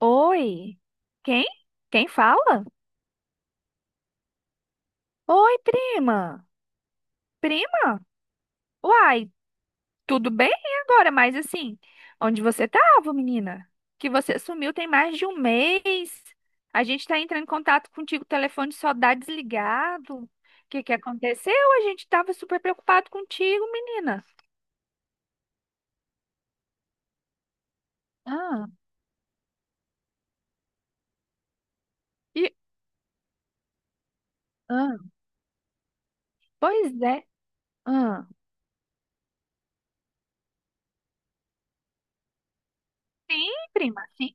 Oi? Quem? Quem fala? Oi, prima. Prima? Uai, tudo bem agora, mas assim, onde você tava, menina? Que você sumiu tem mais de um mês. A gente tá entrando em contato contigo, o telefone só dá desligado. O que que aconteceu? A gente tava super preocupado contigo, menina. Ah, e, ah, pois é. Ah, sim, prima. Sim,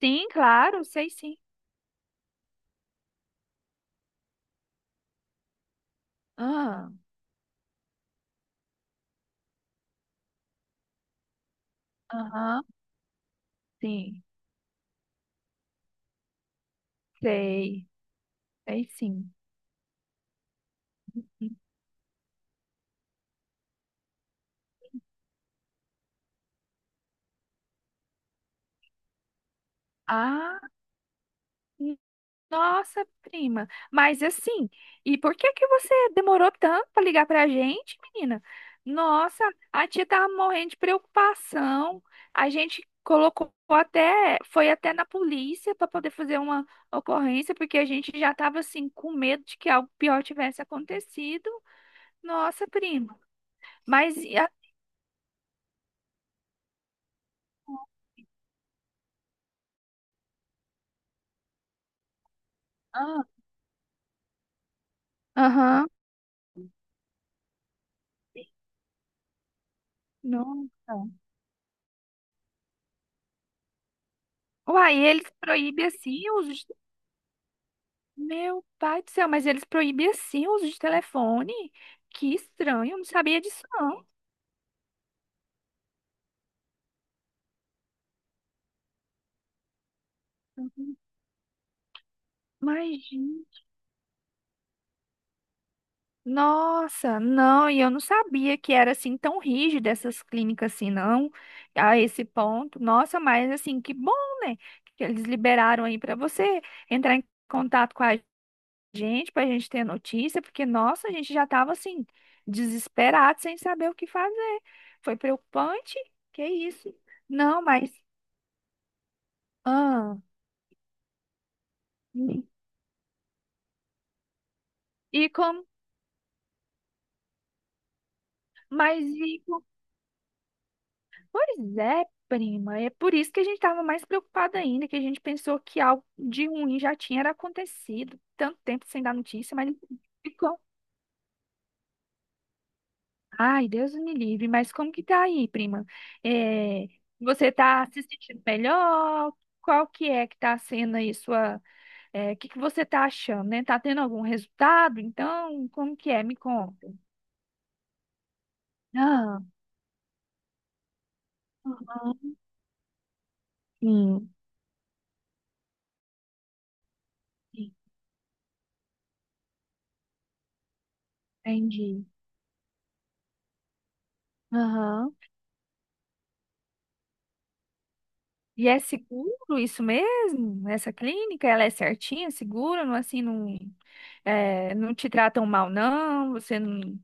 sim, claro, sei sim. Ah, aham, sim, sei. Aí sim. Ah, nossa, prima. Mas assim, e por que que você demorou tanto para ligar pra gente, menina? Nossa, a tia tava morrendo de preocupação. A gente colocou até, foi até na polícia para poder fazer uma ocorrência, porque a gente já tava assim com medo de que algo pior tivesse acontecido. Nossa, prima. Mas e a- ah, aham. Nossa. Uai, eles proíbem assim os Meu pai do céu, mas eles proibiam assim o uso de telefone? Que estranho, eu não sabia disso não. Imagina. Nossa, não, e eu não sabia que era assim tão rígido essas clínicas assim, não, a esse ponto. Nossa, mas assim, que bom, né? Que eles liberaram aí para você entrar em contato com a gente, para a gente ter notícia, porque nossa, a gente já estava assim desesperado, sem saber o que fazer. Foi preocupante. Que isso? Não, mas ah. E como, mas e com- pois é, prima, é por isso que a gente estava mais preocupada ainda, que a gente pensou que algo de ruim já tinha era acontecido, tanto tempo sem dar notícia, mas ficou. Ai, Deus me livre, mas como que tá aí, prima? É, você tá se sentindo melhor? Qual que é que tá sendo aí sua, é, o que que você tá achando, né? Tá tendo algum resultado? Então, como que é? Me conta. Ah, aham, sim, sim, entendi. Aham. E é seguro isso mesmo? Essa clínica, ela é certinha, segura, não assim, não, é, não te tratam mal, não, você não,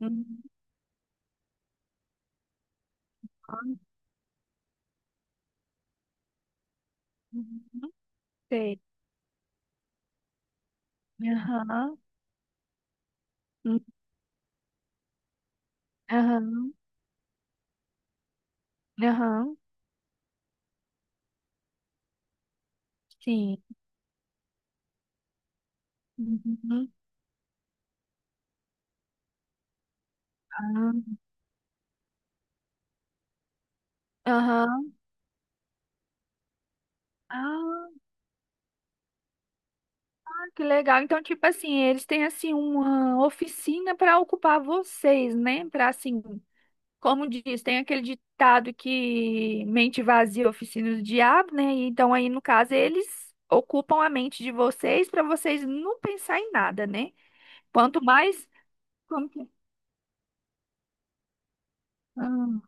Hum, ah, não sei. Aham, hum, aham, aham, sim. Uhum. Ah, Aham. Ah, que legal. Então, tipo assim, eles têm assim uma oficina para ocupar vocês, né? Para assim Como diz, tem aquele ditado que mente vazia, oficina do diabo, né? E Então, aí, no caso, eles ocupam a mente de vocês para vocês não pensar em nada, né? Quanto mais. Como que... Ah.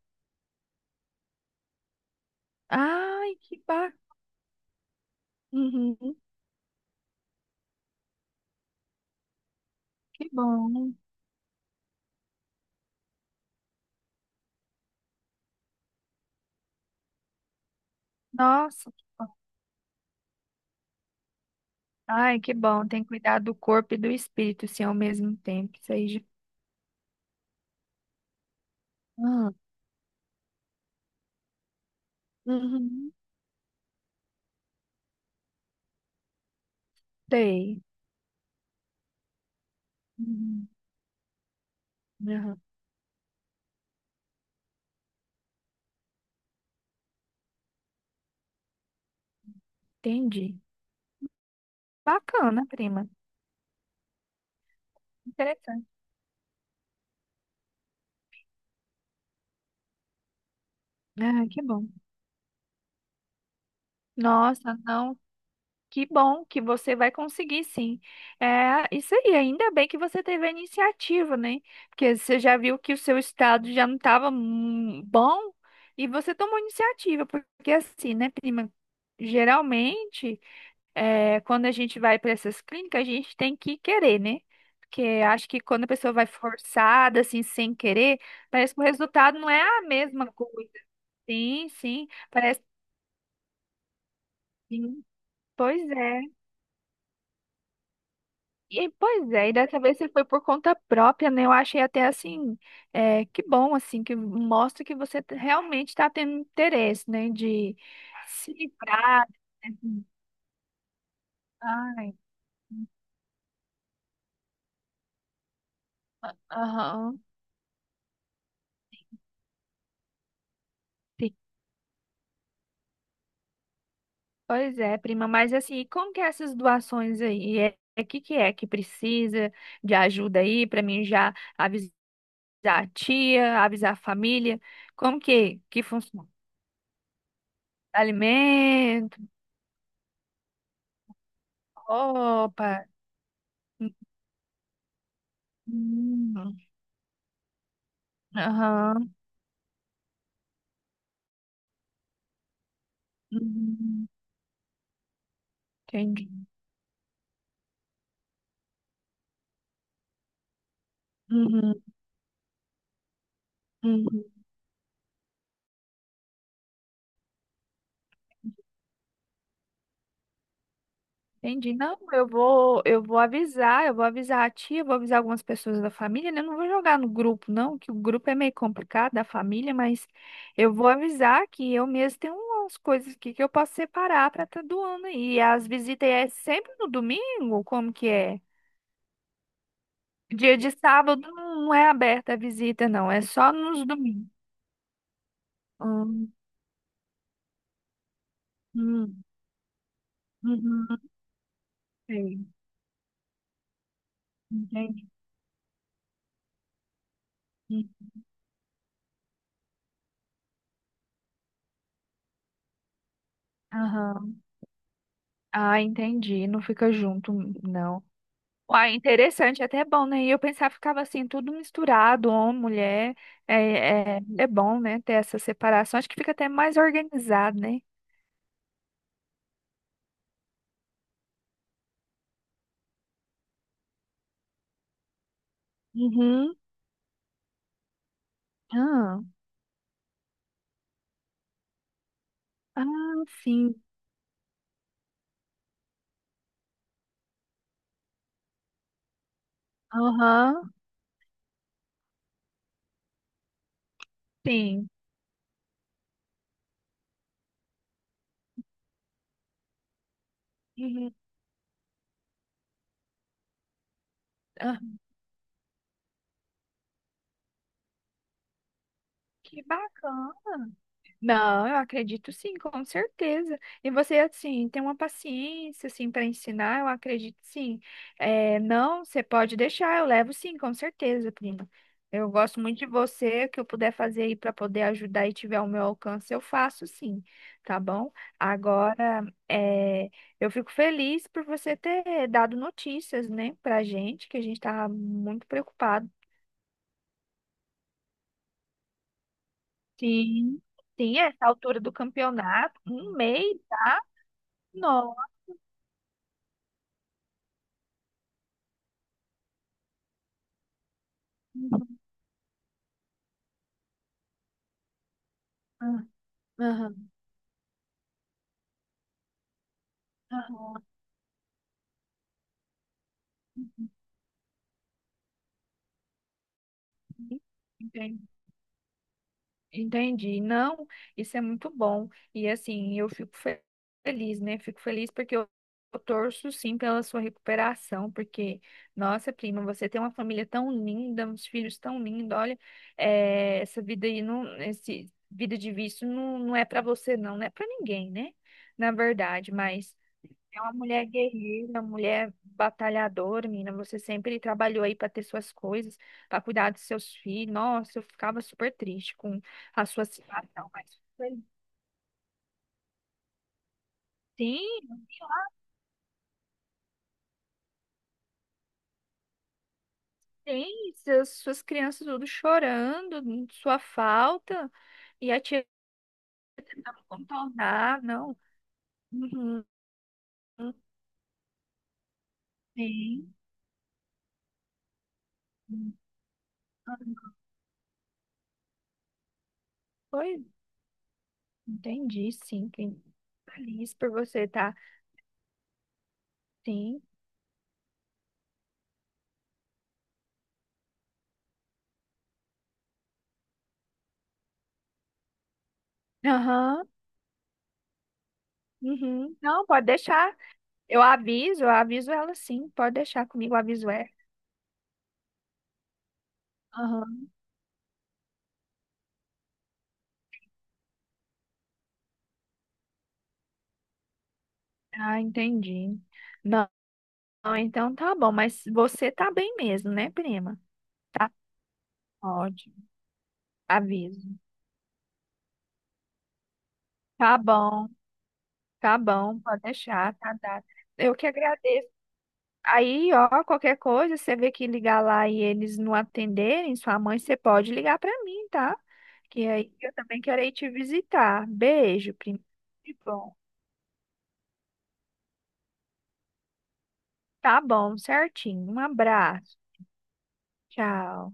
Ai, que ba... Uhum, que bom. Nossa, ai, que bom. Tem que cuidar do corpo e do espírito, sim, ao mesmo tempo. Isso aí. Já- Ah. Uhum. Sei. Uhum. Aham. Entendi. Bacana, prima. Interessante. Ah, que bom. Nossa, não. Que bom que você vai conseguir, sim. É isso aí, ainda bem que você teve a iniciativa, né? Porque você já viu que o seu estado já não estava bom e você tomou iniciativa, porque assim, né, prima? Geralmente, é, quando a gente vai para essas clínicas, a gente tem que querer, né? Porque acho que quando a pessoa vai forçada, assim, sem querer, parece que o resultado não é a mesma coisa. Sim, sim, parece que sim. Pois é. E dessa vez você foi por conta própria, né? Eu achei até assim, é, que bom, assim, que mostra que você te- realmente está tendo interesse, né? De se livrar. Assim, Ai, aham. sim. Pois é, prima, mas assim, e como que é essas doações aí? É que que é que precisa de ajuda aí para mim já avisar a tia, avisar a família? Como que funciona? Alimento, roupa. Hum. hum. Aham. Uhum. Entendi. Uhum. Uhum. Entendi. Não, eu vou avisar a tia, eu vou avisar algumas pessoas da família, né? Eu não vou jogar no grupo, não, que o grupo é meio complicado da família, mas eu vou avisar que eu mesmo tenho umas coisas aqui que eu posso separar para estar doando aí. E as visitas é sempre no domingo? Como que é? Dia de sábado não é aberta a visita, não, é só nos domingos. Hum, hum, uhum, sei. Entendi. Aham. Ah, entendi. Não fica junto, não. Uai, interessante, até é bom, né? E eu pensava, ficava assim, tudo misturado, homem, mulher. É, é, é bom, né? Ter essa separação. Acho que fica até mais organizado, né? Uhum. Ah, ah, sim. Aham, sim. Uhum. Ah, Que bacana. Não, eu acredito sim, com certeza. E você, assim, tem uma paciência, assim, para ensinar, eu acredito sim. É, não, você pode deixar, eu levo sim, com certeza, prima. Eu gosto muito de você, o que eu puder fazer aí para poder ajudar e tiver ao meu alcance, eu faço sim, tá bom? Agora, é, eu fico feliz por você ter dado notícias, né, pra gente, que a gente tava muito preocupado. Sim, sim, essa altura do campeonato, um mês, não. Ah, Aham, aham, entendi. Entendi. Não, isso é muito bom. E assim, feliz, né? Fico feliz porque eu torço sim pela sua recuperação, porque, nossa, prima, você tem uma família tão linda, uns filhos tão lindos. Olha, eh, essa vida aí, não, esse vida de vício não, não é para você, não, não é para ninguém, né? Na verdade, mas. É uma mulher guerreira, mulher batalhadora, menina. Você sempre trabalhou aí para ter suas coisas, para cuidar dos seus filhos. Nossa, eu ficava super triste com a sua situação, mas foi- sim, suas crianças tudo chorando, sua falta, e a tia tentando contornar, não. Uhum, sim. Foi, entendi, sim. Fiquei feliz por você, tá? Sim. Aham. Uhum. Não, pode deixar. Eu aviso ela sim. Pode deixar comigo, eu aviso ela. Aham. Ah, entendi. Não, não, então tá bom, mas você tá bem mesmo, né, prima? Tá ótimo, aviso. Tá bom, tá bom, pode deixar, tá dado. Eu que agradeço. Aí, ó, qualquer coisa, você vê que ligar lá e eles não atenderem, sua mãe, você pode ligar pra mim, tá? Que aí eu também quero ir te visitar. Beijo, prima. Que bom. Tá bom, certinho. Um abraço. Tchau.